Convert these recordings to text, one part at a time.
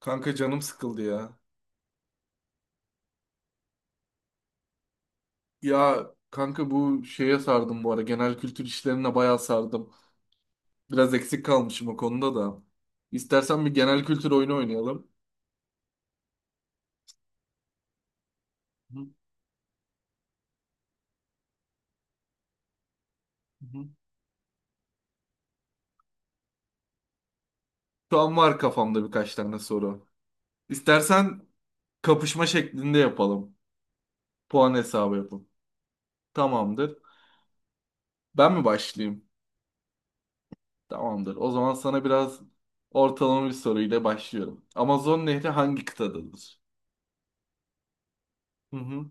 Kanka canım sıkıldı ya. Ya kanka bu şeye sardım bu ara. Genel kültür işlerine bayağı sardım. Biraz eksik kalmışım o konuda da. İstersen bir genel kültür oyunu oynayalım. Hı hı. Şu an var kafamda birkaç tane soru. İstersen kapışma şeklinde yapalım. Puan hesabı yapalım. Tamamdır. Ben mi başlayayım? Tamamdır. O zaman sana biraz ortalama bir soruyla başlıyorum. Amazon Nehri hangi kıtadadır? Hı hı.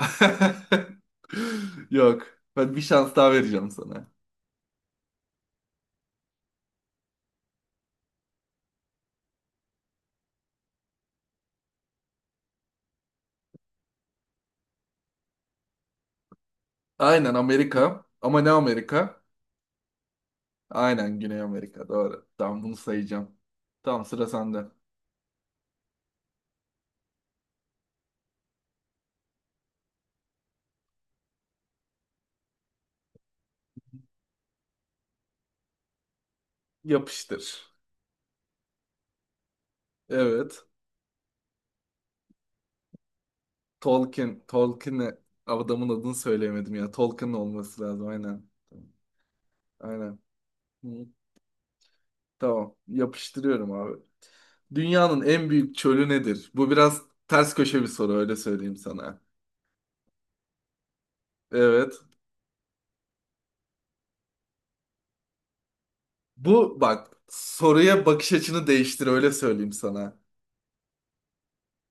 Yok. Ben bir şans daha vereceğim sana. Aynen Amerika. Ama ne Amerika? Aynen Güney Amerika. Doğru. Tamam, bunu sayacağım. Tamam, sıra sende. Yapıştır. Evet. Tolkien. Tolkien'e adamın adını söyleyemedim ya. Tolkien olması lazım. Aynen. Aynen. Hı. Tamam. Yapıştırıyorum abi. Dünyanın en büyük çölü nedir? Bu biraz ters köşe bir soru, öyle söyleyeyim sana. Evet. Bu bak, soruya bakış açını değiştir, öyle söyleyeyim sana.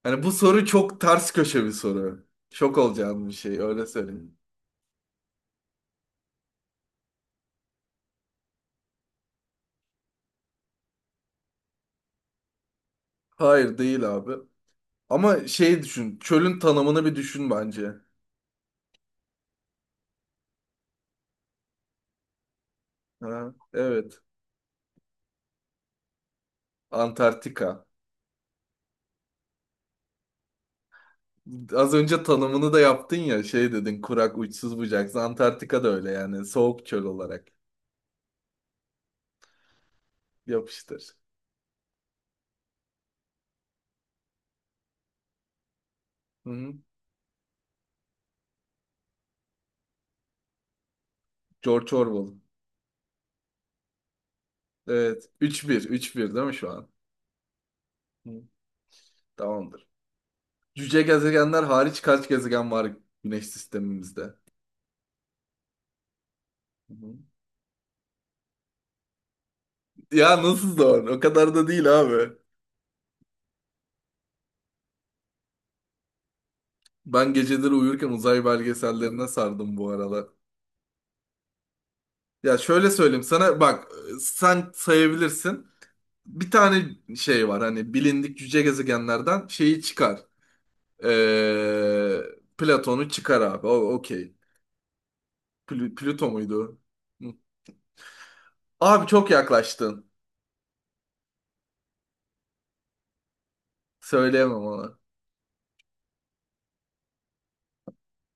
Hani bu soru çok ters köşe bir soru. Şok olacağın bir şey, öyle söyleyeyim. Hayır, değil abi. Ama şey düşün. Çölün tanımını bir düşün bence. Ha, evet. Antarktika. Az önce tanımını da yaptın ya, şey dedin, kurak uçsuz bucaksız. Antarktika da öyle yani, soğuk çöl olarak. Yapıştır. Hı-hı. George Orwell. Evet. 3-1. 3-1 değil mi şu an? Hı. Tamamdır. Cüce gezegenler hariç kaç gezegen var Güneş sistemimizde? Hı hı. Ya nasıl zor? O kadar da değil abi. Ben geceleri uyurken uzay belgesellerine sardım bu aralar. Ya şöyle söyleyeyim sana, bak sen sayabilirsin. Bir tane şey var hani, bilindik cüce gezegenlerden şeyi çıkar. Ee, Platon'u çıkar abi. O okey. Plüto muydu? Hı. Abi çok yaklaştın. Söyleyemem ona.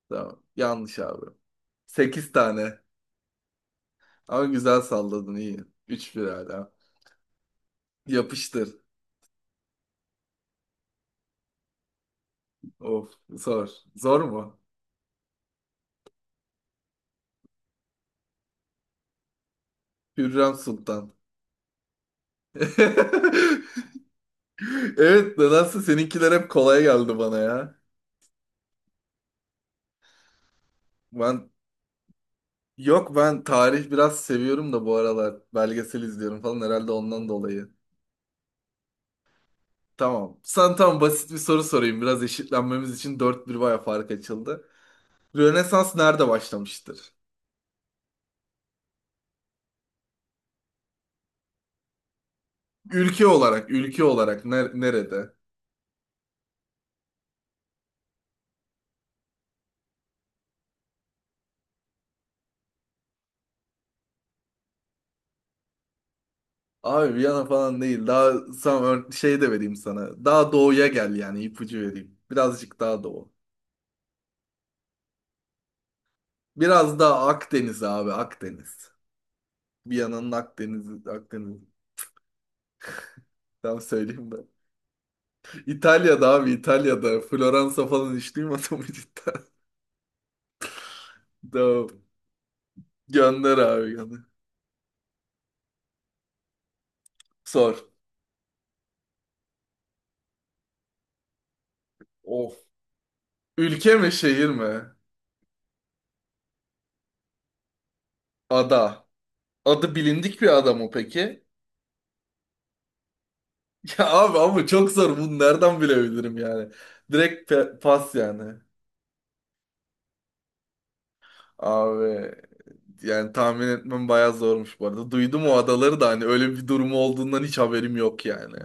Tamam. Yanlış abi. 8 tane. Ama güzel salladın, iyi. Üç 1 hala. Yapıştır. Of, zor. Zor mu? Hürrem Sultan. Evet, nedense seninkiler hep kolay geldi bana ya. Ben. Yok, ben tarih biraz seviyorum da bu aralar belgesel izliyorum falan, herhalde ondan dolayı. Tamam. Sana tam basit bir soru sorayım. Biraz eşitlenmemiz için dört 1, baya fark açıldı. Rönesans nerede başlamıştır? Ülke olarak, ülke olarak nerede? Abi Viyana falan değil. Daha sana şey de vereyim sana. Daha doğuya gel yani, ipucu vereyim. Birazcık daha doğu. Biraz daha Akdeniz abi, Akdeniz. Viyana'nın Akdeniz, Akdeniz. Tam söyleyeyim ben. İtalya'da abi, İtalya'da. Floransa falan hiç duymadım mı cidden? Tamam. Gönder abi, gönder. Sor. Of. Ülke mi, şehir mi? Ada. Adı bilindik bir ada mı peki? Ya abi, ama çok zor. Bunu nereden bilebilirim yani? Direkt pas yani. Abi yani tahmin etmem bayağı zormuş bu arada. Duydum o adaları da, hani öyle bir durumu olduğundan hiç haberim yok yani.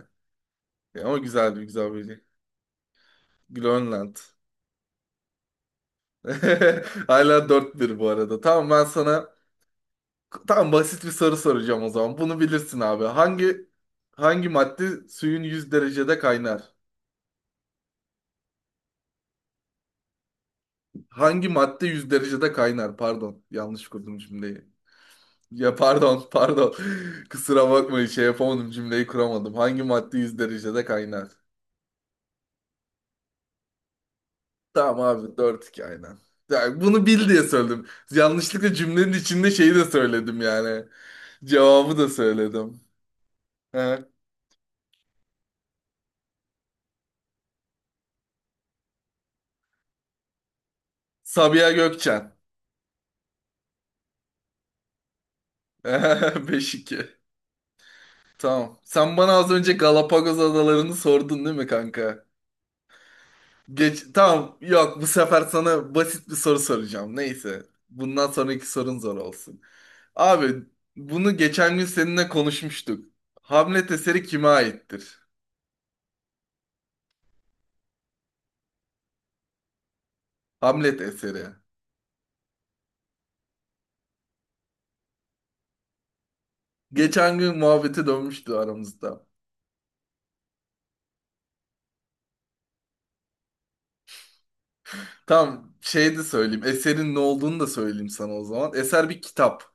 Ya, ama güzel bir, güzel bir şey. Grönland. Hala dört 1 bu arada. Tamam, ben sana, tamam, basit bir soru soracağım o zaman. Bunu bilirsin abi. Hangi madde suyun 100 derecede kaynar? Hangi madde 100 derecede kaynar? Pardon. Yanlış kurdum cümleyi. Ya pardon, pardon. Kusura bakmayın, şey yapamadım, cümleyi kuramadım. Hangi madde 100 derecede kaynar? Tamam abi, 4-2 aynen. Yani bunu bil diye söyledim. Yanlışlıkla cümlenin içinde şeyi de söyledim yani. Cevabı da söyledim. He. Sabiha Gökçen. 5-2. Tamam. Sen bana az önce Galapagos adalarını sordun değil mi kanka? Geç, tamam. Yok, bu sefer sana basit bir soru soracağım. Neyse. Bundan sonraki sorun zor olsun. Abi bunu geçen gün seninle konuşmuştuk. Hamlet eseri kime aittir? Hamlet eseri. Geçen gün muhabbete dönmüştü aramızda. Tam şey de söyleyeyim. Eserin ne olduğunu da söyleyeyim sana o zaman. Eser bir kitap.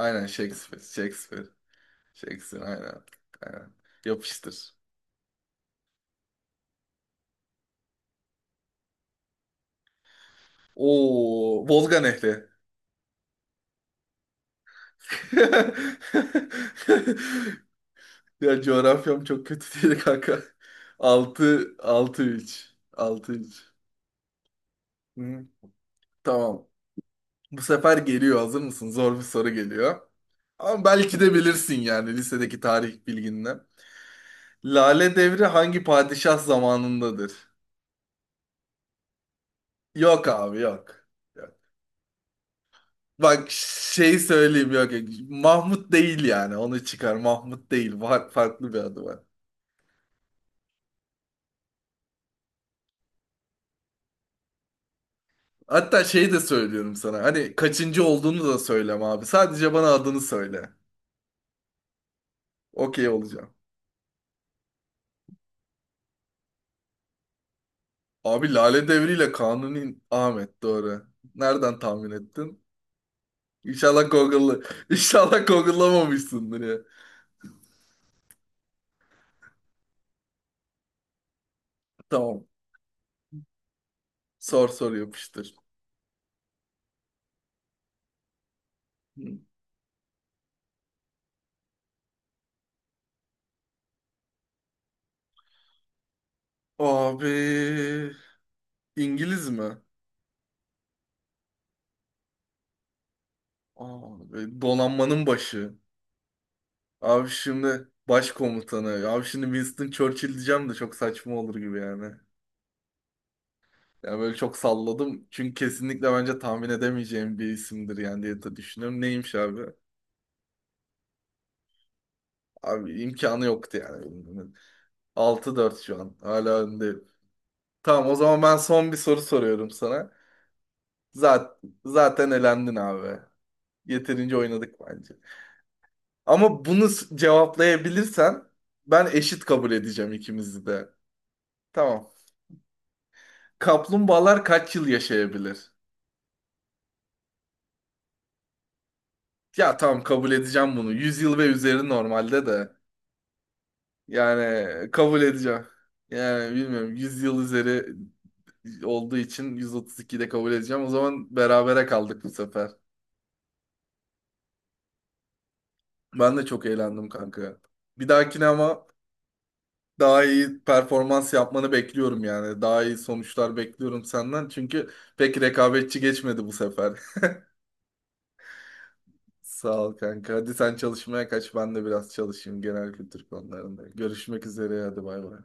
Aynen Shakespeare. Shakespeare. Shakespeare aynen. Aynen. Yapıştır. Oo, Volga Nehri. Ya, coğrafyam çok kötü değil kanka. Altı 6 3 6 3. Hı, tamam. Bu sefer geliyor. Hazır mısın? Zor bir soru geliyor. Ama belki de bilirsin yani, lisedeki tarih bilginle. Lale Devri hangi padişah zamanındadır? Yok abi, yok. Yok. Bak, şey söyleyeyim, yok. Yok. Mahmut değil yani, onu çıkar. Mahmut değil. Var, farklı bir adı var. Hatta şey de söylüyorum sana. Hani kaçıncı olduğunu da söyleme abi. Sadece bana adını söyle. Okey olacağım. Abi Lale Devri ile Kanuni Ahmet doğru. Nereden tahmin ettin? İnşallah Google'la İnşallah Google'lamamışsındır ya. Tamam. Sor, sor, yapıştır. Abi İngiliz mi? Aa, böyle donanmanın başı. Abi şimdi başkomutanı. Abi şimdi Winston Churchill diyeceğim de çok saçma olur gibi yani. Yani böyle çok salladım. Çünkü kesinlikle bence tahmin edemeyeceğim bir isimdir yani diye de düşünüyorum. Neymiş abi? Abi imkanı yoktu yani. 6-4 şu an. Hala önde. Tamam, o zaman ben son bir soru soruyorum sana. Zaten, elendin abi. Yeterince oynadık bence. Ama bunu cevaplayabilirsen ben eşit kabul edeceğim ikimizi de. Tamam. Kaplumbağalar kaç yıl yaşayabilir? Ya tamam, kabul edeceğim bunu. 100 yıl ve üzeri normalde de. Yani kabul edeceğim. Yani bilmiyorum, 100 yıl üzeri olduğu için 132 de kabul edeceğim. O zaman berabere kaldık bu sefer. Ben de çok eğlendim kanka. Bir dahakine ama daha iyi performans yapmanı bekliyorum yani. Daha iyi sonuçlar bekliyorum senden. Çünkü pek rekabetçi geçmedi bu sefer. Sağ ol kanka. Hadi sen çalışmaya kaç. Ben de biraz çalışayım genel kültür konularında. Görüşmek üzere. Hadi bay bay.